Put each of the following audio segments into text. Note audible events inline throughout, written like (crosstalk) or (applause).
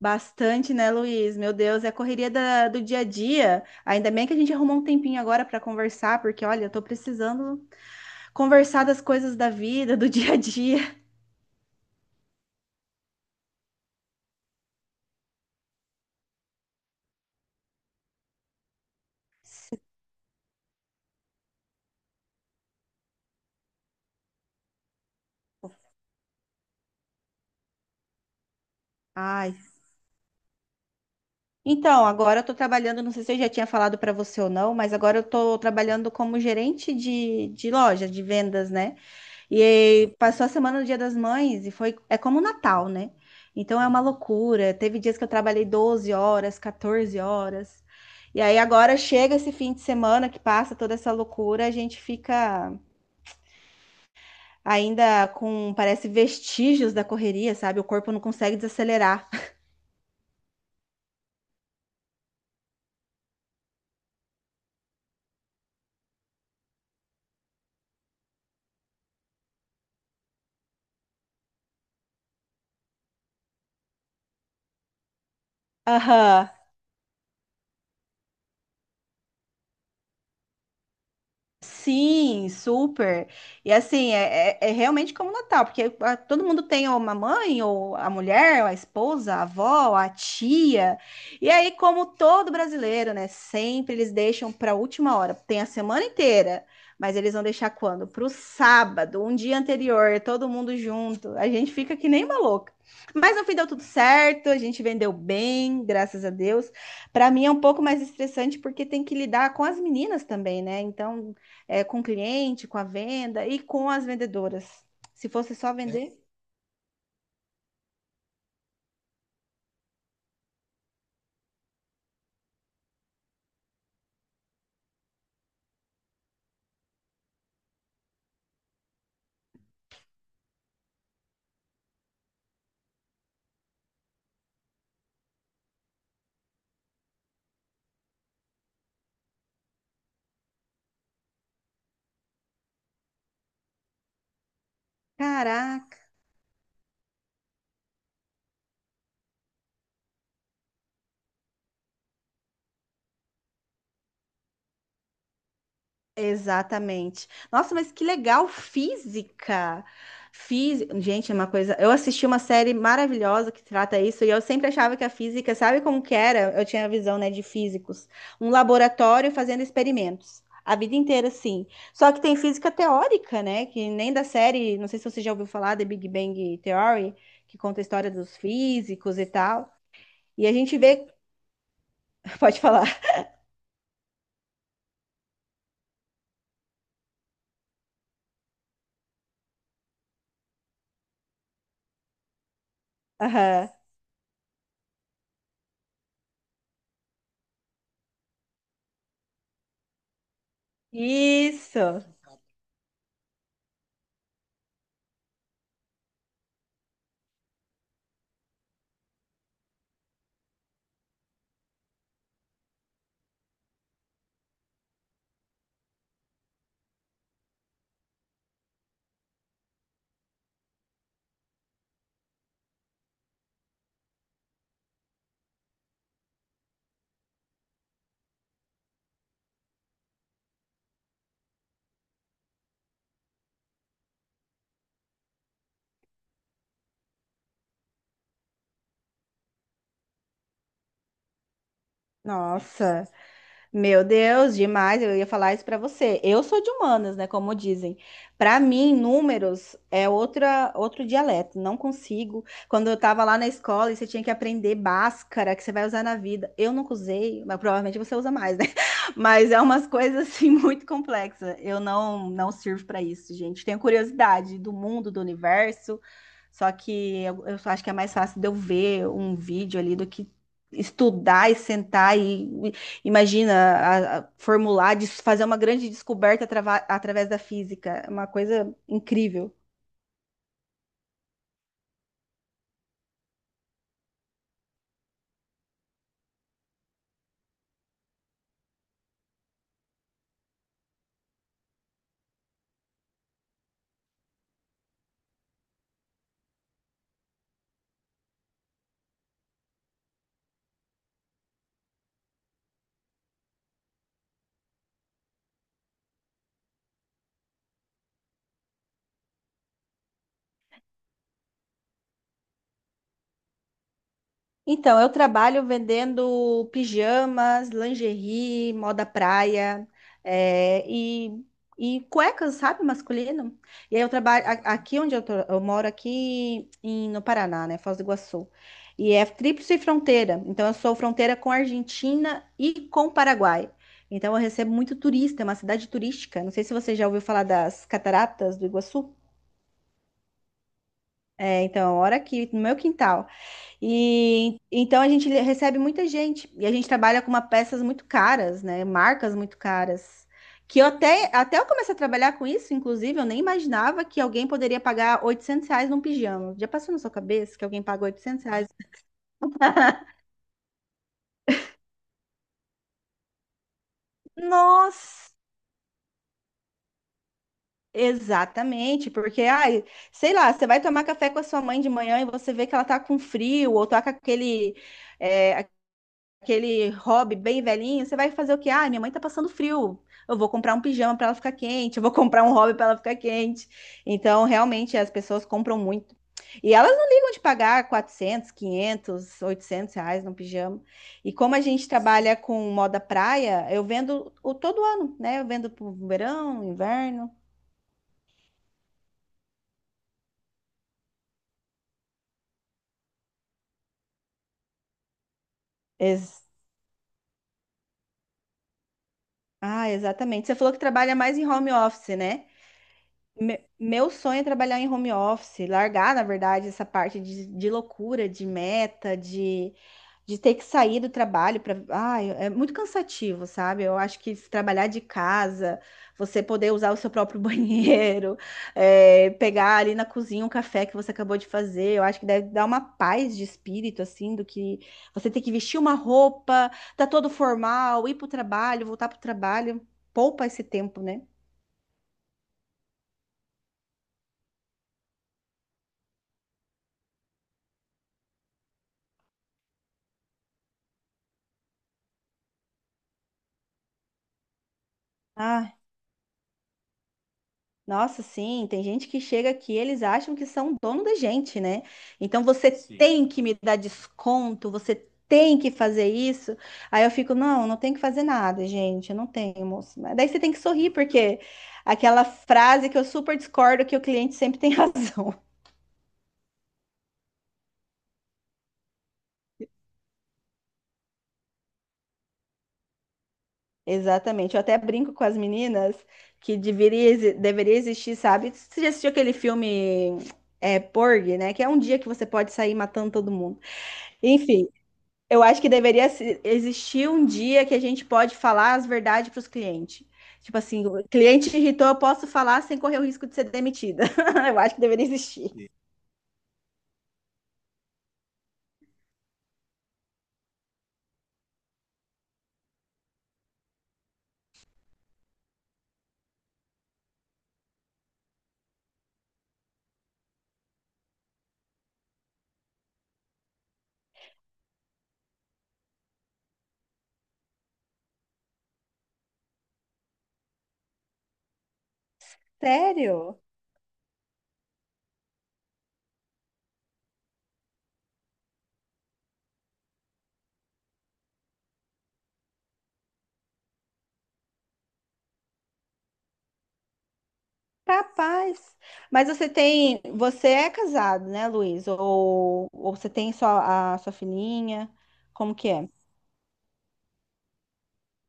Bastante, né, Luiz? Meu Deus, é a correria do dia a dia. Ainda bem que a gente arrumou um tempinho agora para conversar, porque olha, eu tô precisando conversar das coisas da vida, (laughs) do dia a dia. Ai. Então, agora eu tô trabalhando, não sei se eu já tinha falado para você ou não, mas agora eu tô trabalhando como gerente de loja, de vendas, né? E aí, passou a semana do Dia das Mães e foi, é como o Natal, né? Então é uma loucura. Teve dias que eu trabalhei 12 horas, 14 horas. E aí agora chega esse fim de semana que passa toda essa loucura, a gente fica ainda com, parece, vestígios da correria, sabe? O corpo não consegue desacelerar. Aham. Sim, super. E assim, é realmente como Natal, porque ah, todo mundo tem ou uma mãe, ou a mulher, ou a esposa, a avó, a tia. E aí, como todo brasileiro, né? Sempre eles deixam para a última hora. Tem a semana inteira, mas eles vão deixar quando? Para o sábado, um dia anterior, todo mundo junto. A gente fica que nem uma louca. Mas no fim deu tudo certo, a gente vendeu bem, graças a Deus. Para mim é um pouco mais estressante porque tem que lidar com as meninas também, né? Então é, com o cliente, com a venda e com as vendedoras. Se fosse só vender, caraca, exatamente. Nossa, mas que legal, física. Física, gente, é uma coisa. Eu assisti uma série maravilhosa que trata isso e eu sempre achava que a física, sabe como que era? Eu tinha a visão, né, de físicos, um laboratório fazendo experimentos. A vida inteira, sim. Só que tem física teórica, né? Que nem da série, não sei se você já ouviu falar, da Big Bang Theory, que conta a história dos físicos e tal. E a gente vê. (laughs) Pode falar. Aham. Isso. Nossa. Meu Deus, demais. Eu ia falar isso pra você. Eu sou de humanas, né? Como dizem. Pra mim, números é outra, outro dialeto. Não consigo. Quando eu tava lá na escola e você tinha que aprender Bhaskara, que você vai usar na vida. Eu nunca usei, mas provavelmente você usa mais, né? (laughs) Mas é umas coisas assim (laughs) muito complexas. Eu não, não sirvo pra isso, gente. Tenho curiosidade do mundo, do universo. Só que eu só acho que é mais fácil de eu ver um vídeo ali do que estudar e sentar e imagina, a formular, fazer uma grande descoberta através da física. É uma coisa incrível. Então, eu trabalho vendendo pijamas, lingerie, moda praia, é, e cuecas, sabe, masculino. E aí eu trabalho aqui onde eu moro aqui no Paraná, né, Foz do Iguaçu. E é tríplice fronteira. Então, eu sou fronteira com a Argentina e com o Paraguai. Então, eu recebo muito turista, é uma cidade turística. Não sei se você já ouviu falar das Cataratas do Iguaçu. É, então, ora aqui no meu quintal. E então a gente recebe muita gente e a gente trabalha com uma peças muito caras, né? Marcas muito caras. Que eu até, até eu comecei a trabalhar com isso, inclusive, eu nem imaginava que alguém poderia pagar R$ 800 num pijama. Já passou na sua cabeça que alguém paga R$ 800? (laughs) Nossa! Exatamente, porque, ai, sei lá, você vai tomar café com a sua mãe de manhã e você vê que ela tá com frio ou tá com aquele, é, aquele hobby bem velhinho, você vai fazer o quê? Ah, minha mãe tá passando frio. Eu vou comprar um pijama para ela ficar quente, eu vou comprar um hobby para ela ficar quente. Então, realmente, as pessoas compram muito. E elas não ligam de pagar R$ 400, R$ 500, R$ 800 no pijama. E como a gente trabalha com moda praia, eu vendo o todo ano, né? Eu vendo pro verão, inverno. Ex- ah, exatamente. Você falou que trabalha mais em home office, né? Meu sonho é trabalhar em home office, largar, na verdade, essa parte de loucura, de meta, de ter que sair do trabalho para. Ai, é muito cansativo, sabe? Eu acho que se trabalhar de casa, você poder usar o seu próprio (laughs) banheiro, é, pegar ali na cozinha um café que você acabou de fazer, eu acho que deve dar uma paz de espírito, assim, do que você ter que vestir uma roupa, tá todo formal, ir pro trabalho, voltar pro trabalho. Poupa esse tempo, né? Ah. Nossa, sim, tem gente que chega aqui, eles acham que são dono da gente, né? Então você Sim. tem que me dar desconto, você tem que fazer isso. Aí eu fico, não, não tem que fazer nada, gente, eu não tenho, moço. Mas daí você tem que sorrir, porque aquela frase que eu super discordo que o cliente sempre tem (laughs) razão. Exatamente. Eu até brinco com as meninas que deveria, deveria existir, sabe? Você já assistiu aquele filme é, Porgy, né? Que é um dia que você pode sair matando todo mundo. Enfim. Eu acho que deveria existir um dia que a gente pode falar as verdades para os clientes. Tipo assim, o cliente irritou, eu posso falar sem correr o risco de ser demitida. (laughs) Eu acho que deveria existir. Sério? Capaz. Mas você tem, você é casado, né, Luiz? Ou você tem só a sua filhinha? Como que é?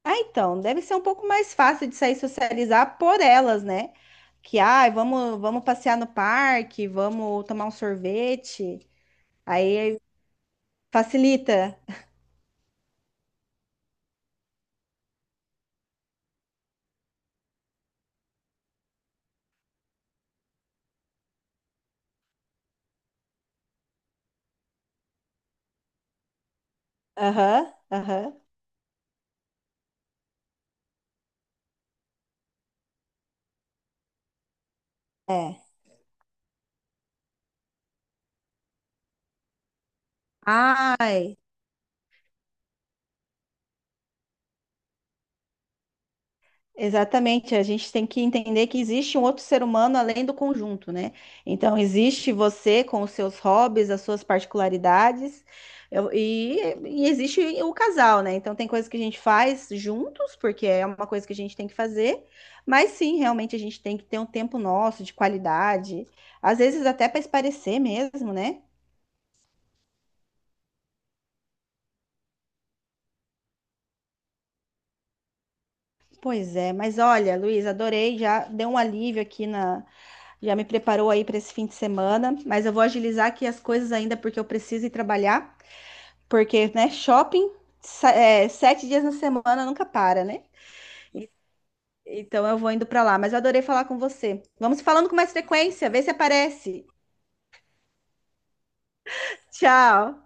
Ah, então, deve ser um pouco mais fácil de sair socializar por elas, né? Que, ai, vamos passear no parque, vamos tomar um sorvete. Aí. Facilita. Aham, aham. É. Ai, exatamente, a gente tem que entender que existe um outro ser humano além do conjunto, né? Então, existe você com os seus hobbies, as suas particularidades, eu- e, e existe o casal, né? Então, tem coisas que a gente faz juntos, porque é uma coisa que a gente tem que fazer, mas sim, realmente a gente tem que ter um tempo nosso de qualidade, às vezes até para espairecer mesmo, né? Pois é, mas olha, Luiz, adorei, já deu um alívio aqui na, já me preparou aí para esse fim de semana, mas eu vou agilizar aqui as coisas ainda porque eu preciso ir trabalhar, porque, né, shopping, é, 7 dias na semana nunca para, né? E- Então eu vou indo para lá, mas eu adorei falar com você. Vamos falando com mais frequência, vê se aparece. Tchau.